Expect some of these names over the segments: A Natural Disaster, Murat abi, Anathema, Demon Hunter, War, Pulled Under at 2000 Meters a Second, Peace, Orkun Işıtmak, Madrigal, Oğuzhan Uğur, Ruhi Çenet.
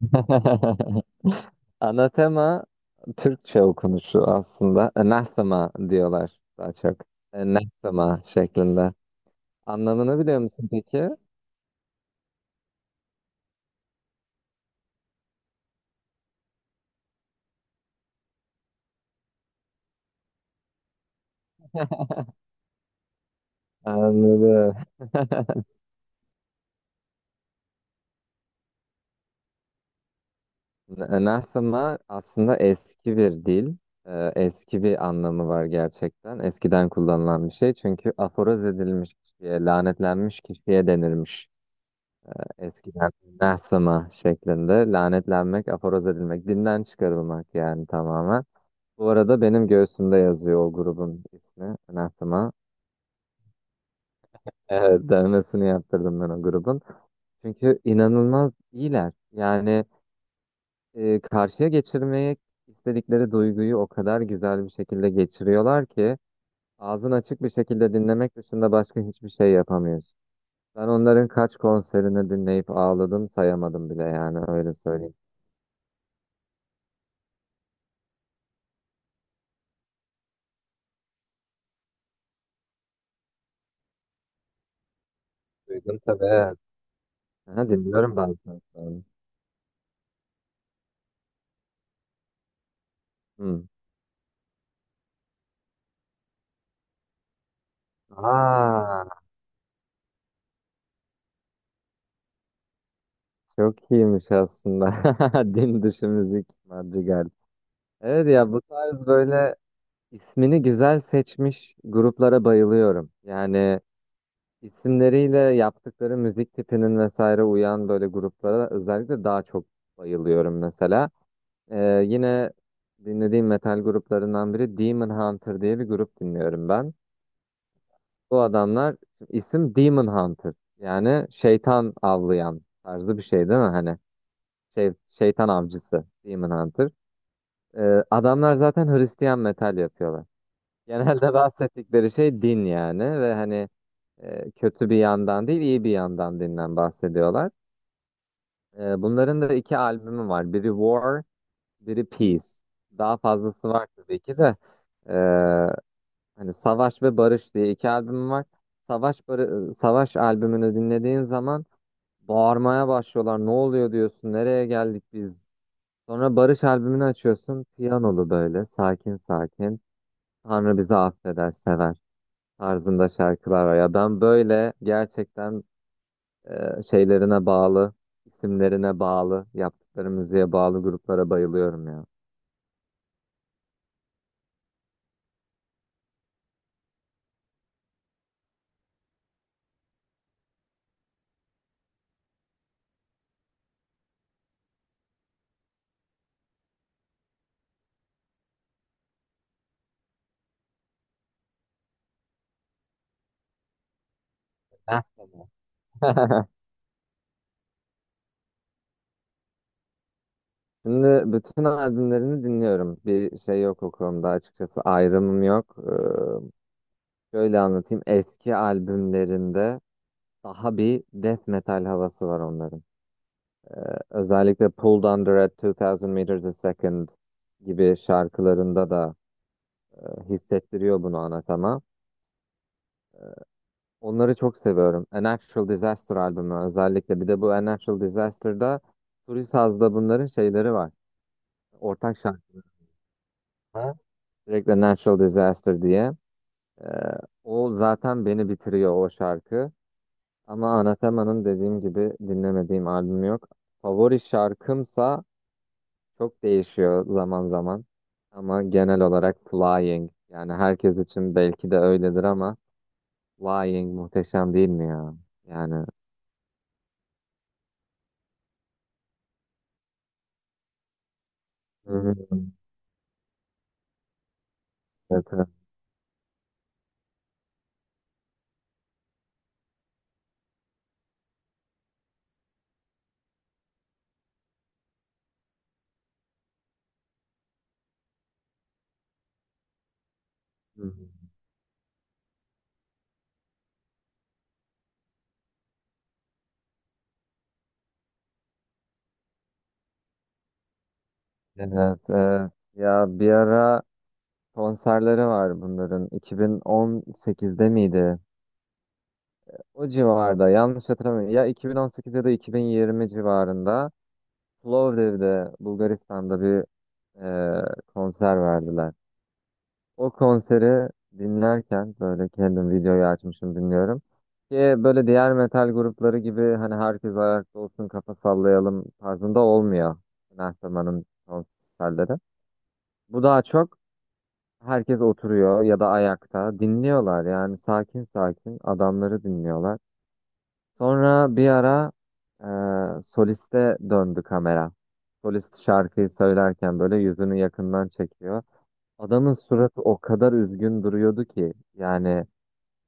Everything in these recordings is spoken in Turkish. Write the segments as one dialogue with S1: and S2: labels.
S1: Anatema Türkçe okunuşu aslında. Anathema diyorlar daha çok. Anathema şeklinde. Anlamını biliyor musun peki? Anladım. Anathema aslında eski bir dil. Eski bir anlamı var gerçekten. Eskiden kullanılan bir şey. Çünkü aforoz edilmiş kişiye, lanetlenmiş kişiye denirmiş. Eskiden anathema şeklinde. Lanetlenmek, aforoz edilmek, dinden çıkarılmak yani tamamen. Bu arada benim göğsümde yazıyor o grubun ismi, anathema. Evet, dövmesini yaptırdım ben o grubun. Çünkü inanılmaz iyiler. Yani karşıya geçirmeyi istedikleri duyguyu o kadar güzel bir şekilde geçiriyorlar ki ağzın açık bir şekilde dinlemek dışında başka hiçbir şey yapamıyorsun. Ben onların kaç konserini dinleyip ağladım sayamadım bile yani öyle söyleyeyim. Duydum tabii. Aha, dinliyorum bazen. Hı. Aa, Çok iyiymiş aslında. Din dışı müzik Madrigal. Evet ya bu tarz böyle ismini güzel seçmiş gruplara bayılıyorum. Yani isimleriyle yaptıkları müzik tipinin vesaire uyan böyle gruplara özellikle daha çok bayılıyorum mesela. Yine dinlediğim metal gruplarından biri Demon Hunter diye bir grup dinliyorum ben. Bu adamlar isim Demon Hunter yani şeytan avlayan tarzı bir şey değil mi? Hani şey, şeytan avcısı Demon Hunter. Adamlar zaten Hristiyan metal yapıyorlar. Genelde bahsettikleri şey din yani ve hani kötü bir yandan değil iyi bir yandan dinden bahsediyorlar. Bunların da iki albümü var. Biri War, biri Peace. Daha fazlası var tabii ki de. Ee, Hani Savaş ve Barış diye iki albüm var. Savaş albümünü dinlediğin zaman bağırmaya başlıyorlar. Ne oluyor diyorsun? Nereye geldik biz? Sonra Barış albümünü açıyorsun. Piyanolu böyle sakin sakin. Tanrı bizi affeder, sever tarzında şarkılar var. Ya ben böyle gerçekten şeylerine bağlı, isimlerine bağlı, yaptıkları müziğe bağlı gruplara bayılıyorum ya. Heh, tamam. Şimdi bütün albümlerini dinliyorum. Bir şey yok o konuda açıkçası ayrımım yok. Şöyle anlatayım. Eski albümlerinde daha bir death metal havası var onların. Özellikle Pulled Under at 2000 Meters a Second gibi şarkılarında da hissettiriyor bunu Onları çok seviyorum. A Natural Disaster albümü özellikle. Bir de bu A Natural Disaster'da Turi Saz'da bunların şeyleri var. Ortak şarkıları. Direkt A Natural Disaster diye. E, O zaten beni bitiriyor o şarkı. Ama Anathema'nın dediğim gibi dinlemediğim albüm yok. Favori şarkımsa çok değişiyor zaman zaman ama genel olarak flying yani herkes için belki de öyledir ama flying muhteşem değil mi ya? Yani Hı-hı. Evet, evet. Hı-hı. Evet, evet. Ya bir ara konserleri var bunların 2018'de miydi? O civarda yanlış hatırlamıyorum, ya 2018 ya da 2020 civarında Plovdiv'de, Bulgaristan'da bir e, konser verdiler. O konseri dinlerken böyle kendim videoyu açmışım dinliyorum. Ki böyle diğer metal grupları gibi hani herkes ayakta olsun kafa sallayalım tarzında olmuyor. Mehtapa'nın konserleri. Bu daha çok herkes oturuyor ya da ayakta dinliyorlar yani sakin sakin adamları dinliyorlar. Sonra bir ara soliste döndü kamera. Solist şarkıyı söylerken böyle yüzünü yakından çekiyor. Adamın suratı o kadar üzgün duruyordu ki yani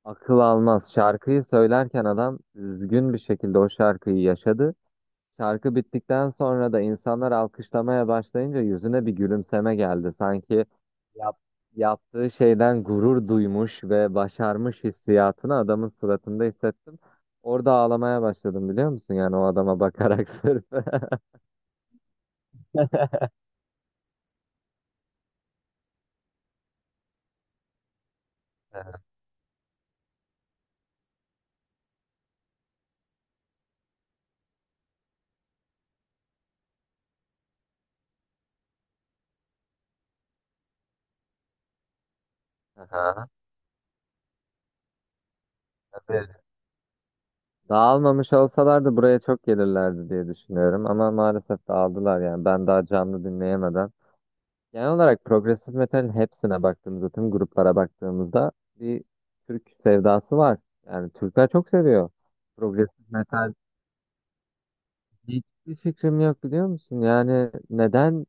S1: akıl almaz. Şarkıyı söylerken adam üzgün bir şekilde o şarkıyı yaşadı. Şarkı bittikten sonra da insanlar alkışlamaya başlayınca yüzüne bir gülümseme geldi. Sanki yap- yaptığı şeyden gurur duymuş ve başarmış hissiyatını adamın suratında hissettim. Orada ağlamaya başladım biliyor musun? Yani o adama bakarak sırf. Aha, evet. Dağılmamış olsalardı buraya çok gelirlerdi diye düşünüyorum ama maalesef dağıldılar yani ben daha canlı dinleyemeden. Genel olarak progresif metalin hepsine baktığımızda, tüm gruplara baktığımızda bir Türk sevdası var. Yani Türkler çok seviyor progresif metal. Hiçbir fikrim yok biliyor musun? Yani neden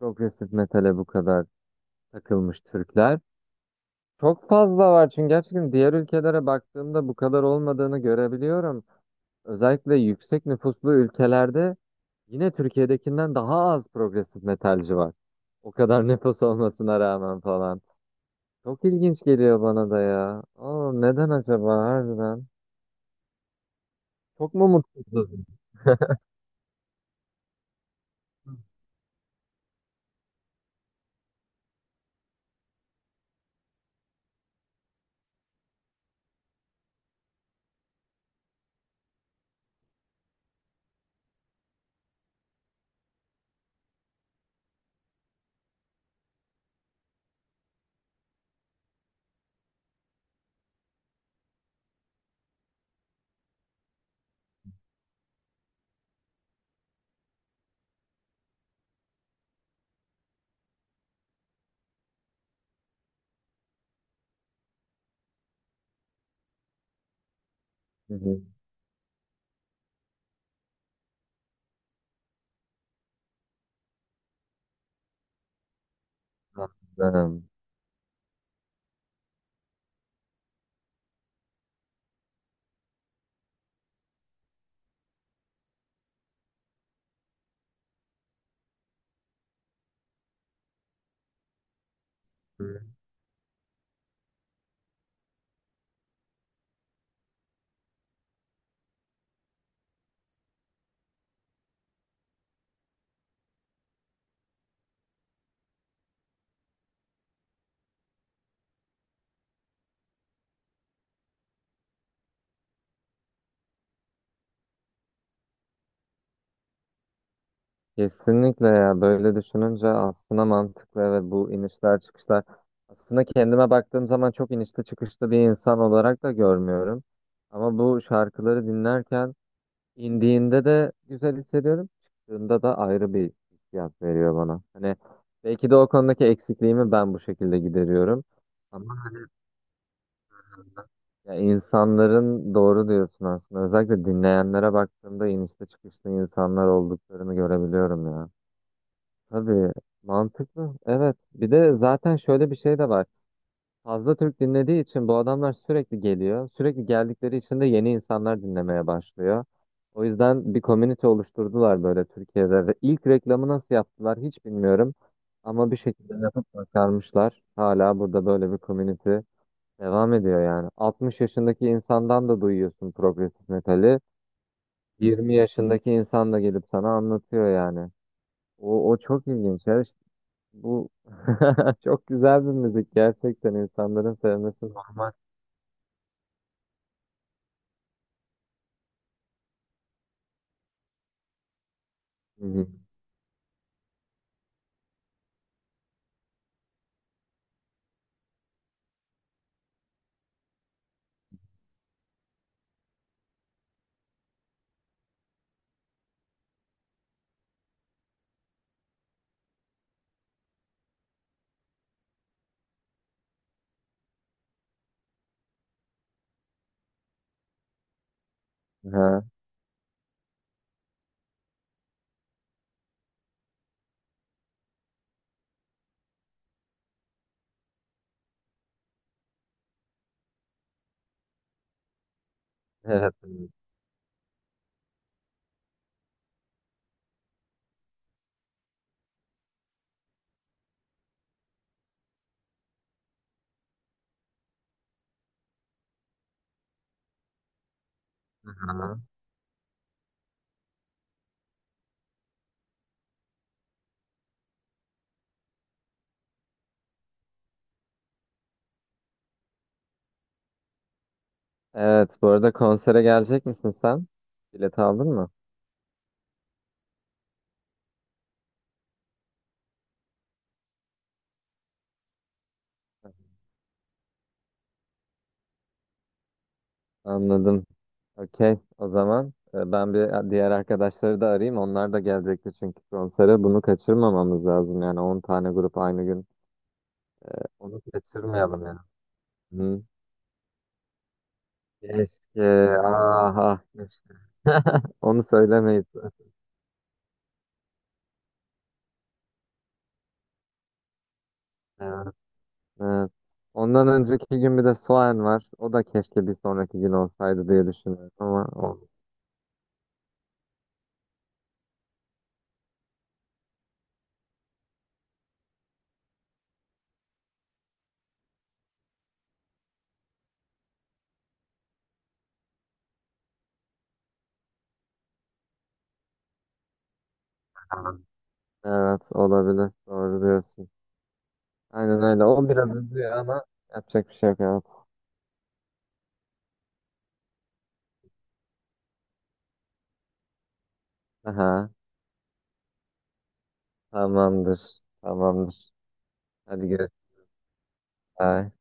S1: progresif metale bu kadar takılmış Türkler? Çok fazla var çünkü, gerçekten diğer ülkelere baktığımda bu kadar olmadığını görebiliyorum. Özellikle yüksek nüfuslu ülkelerde yine Türkiye'dekinden daha az progresif metalci var. O kadar nüfus olmasına rağmen falan. Çok ilginç geliyor bana da ya. Neden acaba harbiden? Çok mu mutsuzuz? Hı hı. Anladım. Hı. Kesinlikle ya, böyle düşününce aslında mantıklı, evet. Bu inişler çıkışlar, aslında kendime baktığım zaman çok inişli çıkışlı bir insan olarak da görmüyorum ama bu şarkıları dinlerken İndiğinde de güzel hissediyorum. Çıktığında da ayrı bir hissiyat veriyor bana. Hani belki de o konudaki eksikliğimi ben bu şekilde gideriyorum. Ama hani ya, insanların, doğru diyorsun aslında. Özellikle dinleyenlere baktığımda inişte çıkışlı insanlar olduklarını görebiliyorum ya. Tabii mantıklı. Evet. Bir de zaten şöyle bir şey de var. Fazla Türk dinlediği için bu adamlar sürekli geliyor. Sürekli geldikleri için de yeni insanlar dinlemeye başlıyor. O yüzden bir komünite oluşturdular böyle Türkiye'de ve ilk reklamı nasıl yaptılar hiç bilmiyorum. Ama bir şekilde yapıp başarmışlar. Hala burada böyle bir komünite devam ediyor yani. 60 yaşındaki insandan da duyuyorsun progresif metali. 20 yaşındaki insan da gelip sana anlatıyor yani. O çok ilginç ya. İşte bu çok güzel bir müzik, gerçekten insanların sevmesi normal. Hı hı. Aha, evet. Evet. Aha. Evet, bu arada konsere gelecek misin sen? Bilet aldın mı? Anladım. Okey. O zaman ben bir diğer arkadaşları da arayayım. Onlar da gelecekti çünkü konsere. Bunu kaçırmamamız lazım. Yani 10 tane grup aynı gün. Onu kaçırmayalım ya. Hı. Keşke. Aha. Keşke. Onu söylemeyiz. Evet, evet. Ondan önceki gün bir de Soğan var. O da keşke bir sonraki gün olsaydı diye düşünüyorum ama olmadı. Evet olabilir. Doğru diyorsun. Aynen öyle. O biraz üzüyor ama yapacak bir şey yok. Evet. Aha, tamamdır. Tamamdır. Hadi görüşürüz. Bye.